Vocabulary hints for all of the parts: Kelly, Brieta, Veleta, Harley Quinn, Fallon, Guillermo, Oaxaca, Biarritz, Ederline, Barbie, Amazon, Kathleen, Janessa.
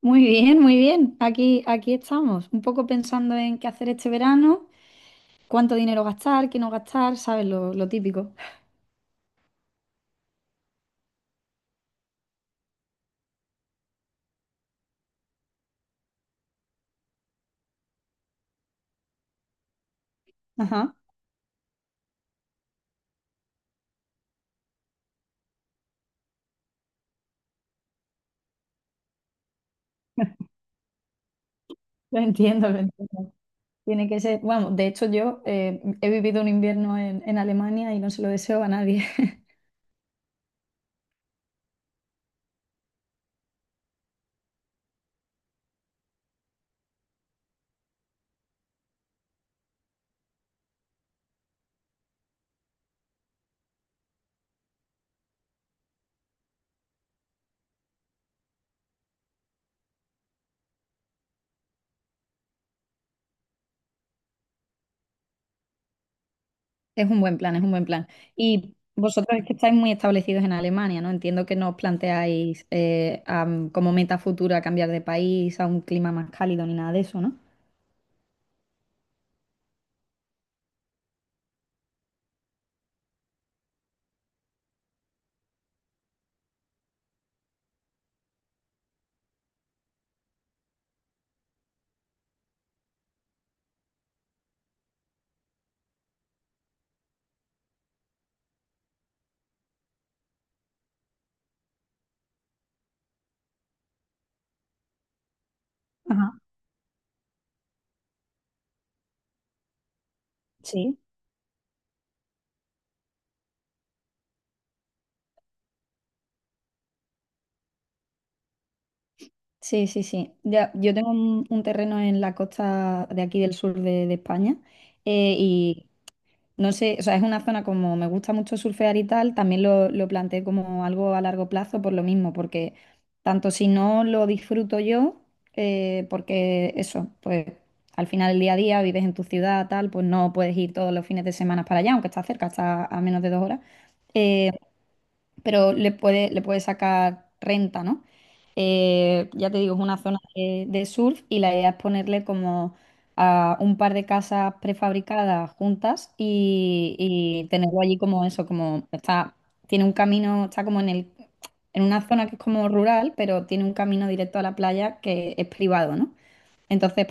Muy bien, muy bien. Aquí estamos, un poco pensando en qué hacer este verano, cuánto dinero gastar, qué no gastar, ¿sabes? Lo típico. Ajá. Lo entiendo, lo entiendo. Tiene que ser, bueno, de hecho yo he vivido un invierno en Alemania y no se lo deseo a nadie. Es un buen plan, es un buen plan. Y vosotros es que estáis muy establecidos en Alemania, ¿no? Entiendo que no os planteáis como meta futura cambiar de país a un clima más cálido ni nada de eso, ¿no? Ajá. Sí. Sí, sí, sí. Ya, yo tengo un terreno en la costa de aquí del sur de España, y no sé, o sea, es una zona como me gusta mucho surfear y tal, también lo planteé como algo a largo plazo por lo mismo, porque tanto si no lo disfruto yo, porque eso, pues al final del día a día vives en tu ciudad, tal, pues no puedes ir todos los fines de semana para allá, aunque está cerca, está a menos de 2 horas. eh, pero le puede sacar renta, ¿no? Ya te digo, es una zona de surf y la idea es ponerle como a un par de casas prefabricadas juntas y tenerlo allí como eso, como está. Tiene un camino, está como en una zona que es como rural, pero tiene un camino directo a la playa que es privado, ¿no? Entonces,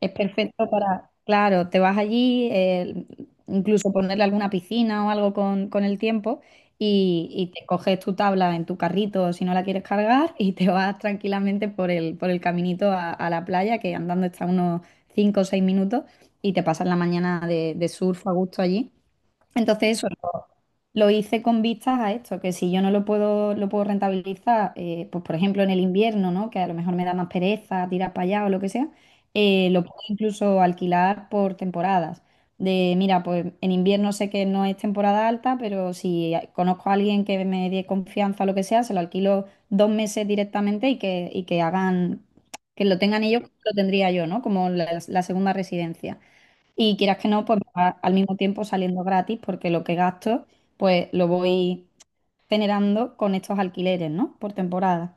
es perfecto para, claro, te vas allí, incluso ponerle alguna piscina o algo con el tiempo y te coges tu tabla en tu carrito si no la quieres cargar y te vas tranquilamente por el caminito a la playa, que andando está unos 5 o 6 minutos y te pasas la mañana de surf a gusto allí. Entonces, eso, lo hice con vistas a esto, que si yo no lo puedo, lo puedo rentabilizar, pues por ejemplo en el invierno, ¿no? Que a lo mejor me da más pereza tirar para allá o lo que sea, lo puedo incluso alquilar por temporadas. Mira, pues en invierno sé que no es temporada alta, pero si conozco a alguien que me dé confianza o lo que sea, se lo alquilo 2 meses directamente y que hagan, que lo tengan ellos, como lo tendría yo, ¿no? Como la segunda residencia. Y quieras que no, pues me va al mismo tiempo saliendo gratis porque lo que gasto, pues lo voy generando con estos alquileres, ¿no? Por temporada.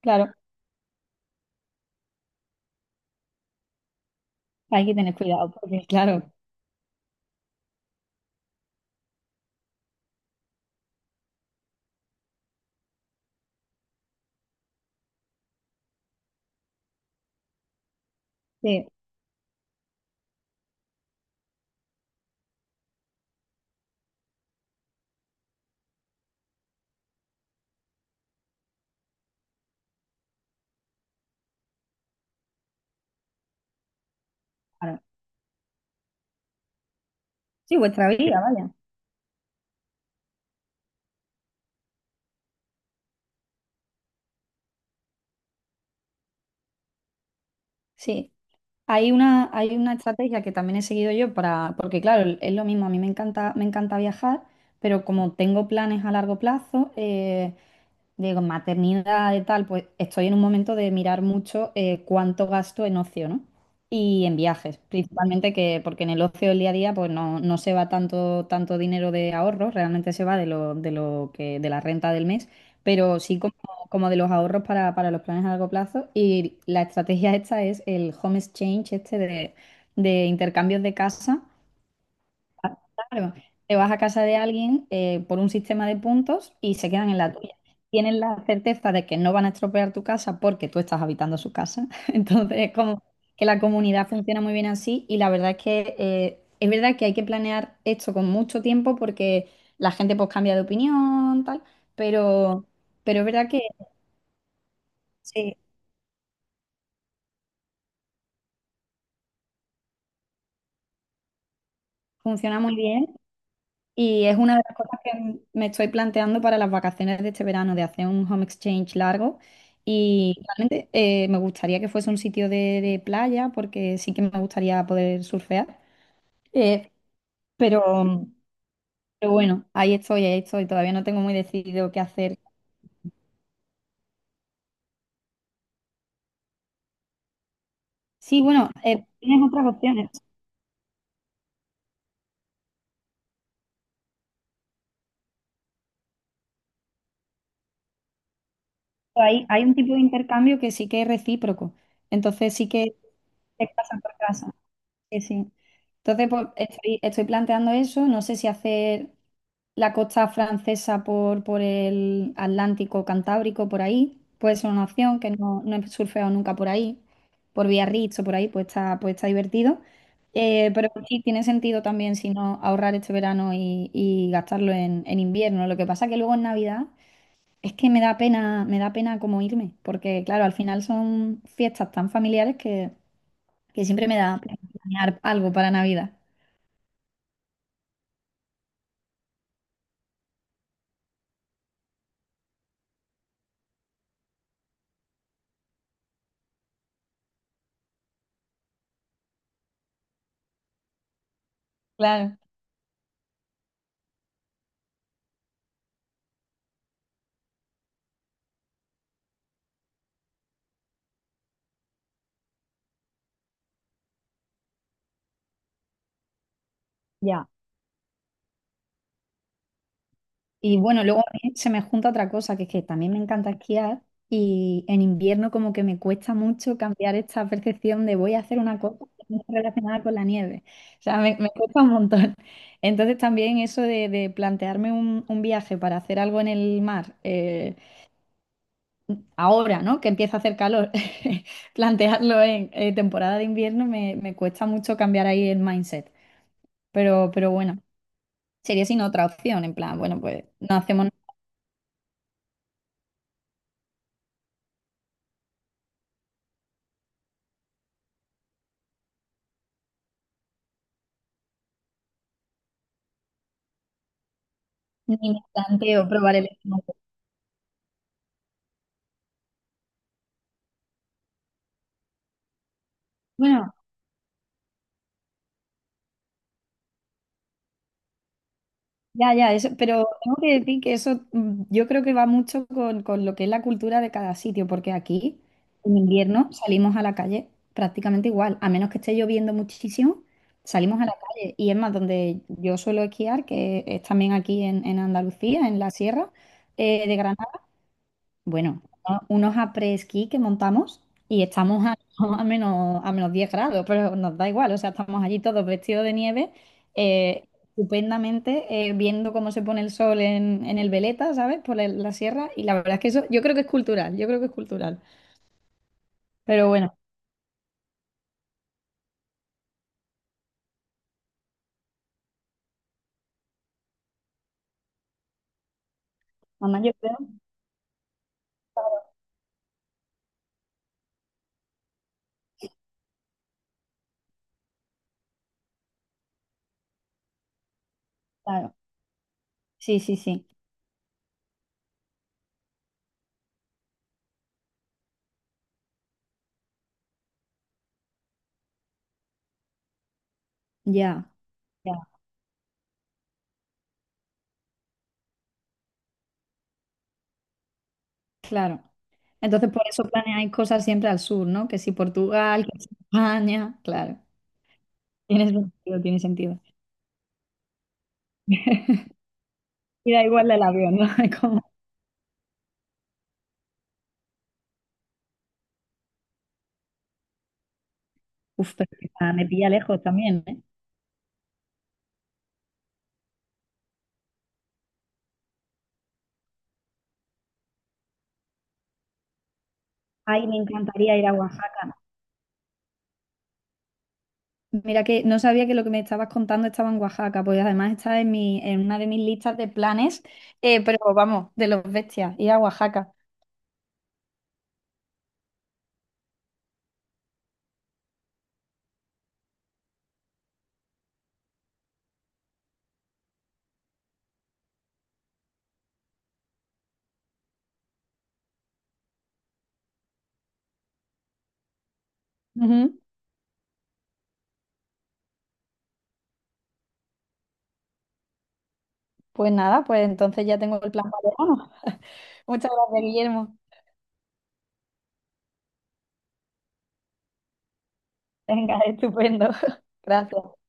Claro, hay que tener cuidado porque, claro, sí, claro. Sí, vuestra vida, vaya. Sí. Hay una estrategia que también he seguido yo para, porque claro, es lo mismo, a mí me encanta viajar, pero como tengo planes a largo plazo, de maternidad y tal, pues estoy en un momento de mirar mucho cuánto gasto en ocio, ¿no? Y en viajes, principalmente que, porque en el ocio del día a día, pues no se va tanto, tanto dinero de ahorros, realmente se va de la renta del mes, pero sí como de los ahorros para los planes a largo plazo. Y la estrategia esta es el home exchange, este de intercambios de casa. Ah, claro, te vas a casa de alguien por un sistema de puntos y se quedan en la tuya. Tienen la certeza de que no van a estropear tu casa porque tú estás habitando su casa. Entonces, es como que la comunidad funciona muy bien así y la verdad es que es verdad que hay que planear esto con mucho tiempo porque la gente pues cambia de opinión, tal, pero, pero, es verdad que sí, funciona muy bien. Y es una de las cosas que me estoy planteando para las vacaciones de este verano, de hacer un home exchange largo. Y realmente me gustaría que fuese un sitio de playa, porque sí que me gustaría poder surfear. Eh, pero, pero bueno, ahí estoy, ahí estoy. Todavía no tengo muy decidido qué hacer. Sí, bueno, tienes otras opciones. Hay un tipo de intercambio que sí que es recíproco. Entonces sí que es casa por casa. Sí, sí. Entonces, pues, estoy planteando eso. No sé si hacer la costa francesa por, el Atlántico Cantábrico, por ahí. Puede ser una opción que no he surfeado nunca por ahí, por Biarritz o por ahí, pues está divertido. Pero sí, tiene sentido también si no ahorrar este verano y gastarlo en invierno. Lo que pasa que luego en Navidad es que me da pena como irme, porque claro, al final son fiestas tan familiares que siempre me da pena planear algo para Navidad. Claro. Y bueno, luego a mí se me junta otra cosa, que es que también me encanta esquiar y en invierno como que me cuesta mucho cambiar esta percepción de voy a hacer una cosa que no está relacionada con la nieve. O sea, me cuesta un montón. Entonces también eso de plantearme un viaje para hacer algo en el mar, ahora, ¿no? Que empieza a hacer calor, plantearlo en temporada de invierno me cuesta mucho cambiar ahí el mindset. pero bueno, sería sin otra opción, en plan, bueno, pues no hacemos. Ni me planteo probar el estómago. Bueno, ya, ya, eso, pero tengo que decir que eso yo creo que va mucho con lo que es la cultura de cada sitio, porque aquí en invierno salimos a la calle prácticamente igual, a menos que esté lloviendo muchísimo, salimos a la calle. Y es más, donde yo suelo esquiar, que es también aquí en Andalucía, en la sierra de Granada. Bueno, unos après-ski que montamos y estamos a menos 10 grados, pero nos da igual, o sea, estamos allí todos vestidos de nieve, eh, estupendamente, viendo cómo se pone el sol en el Veleta, ¿sabes? Por la sierra, y la verdad es que eso yo creo que es cultural, yo creo que es cultural. Pero bueno, mamá, yo creo, claro, sí, sí, sí, ya, ya, claro. Entonces, por eso planeáis cosas siempre al sur, ¿no? Que si Portugal, que si España, claro, tiene sentido, tiene sentido. Y da igual del avión, ¿no? Es como, uf, pero que me pilla lejos también, ¿eh? Ay, me encantaría ir a Oaxaca. Mira que no sabía que lo que me estabas contando estaba en Oaxaca, pues además está en una de mis listas de planes, pero vamos, de los bestias, ir a Oaxaca. Ujú. Pues nada, pues entonces ya tengo el plan para verano. Muchas gracias, Guillermo. Venga, estupendo. Gracias.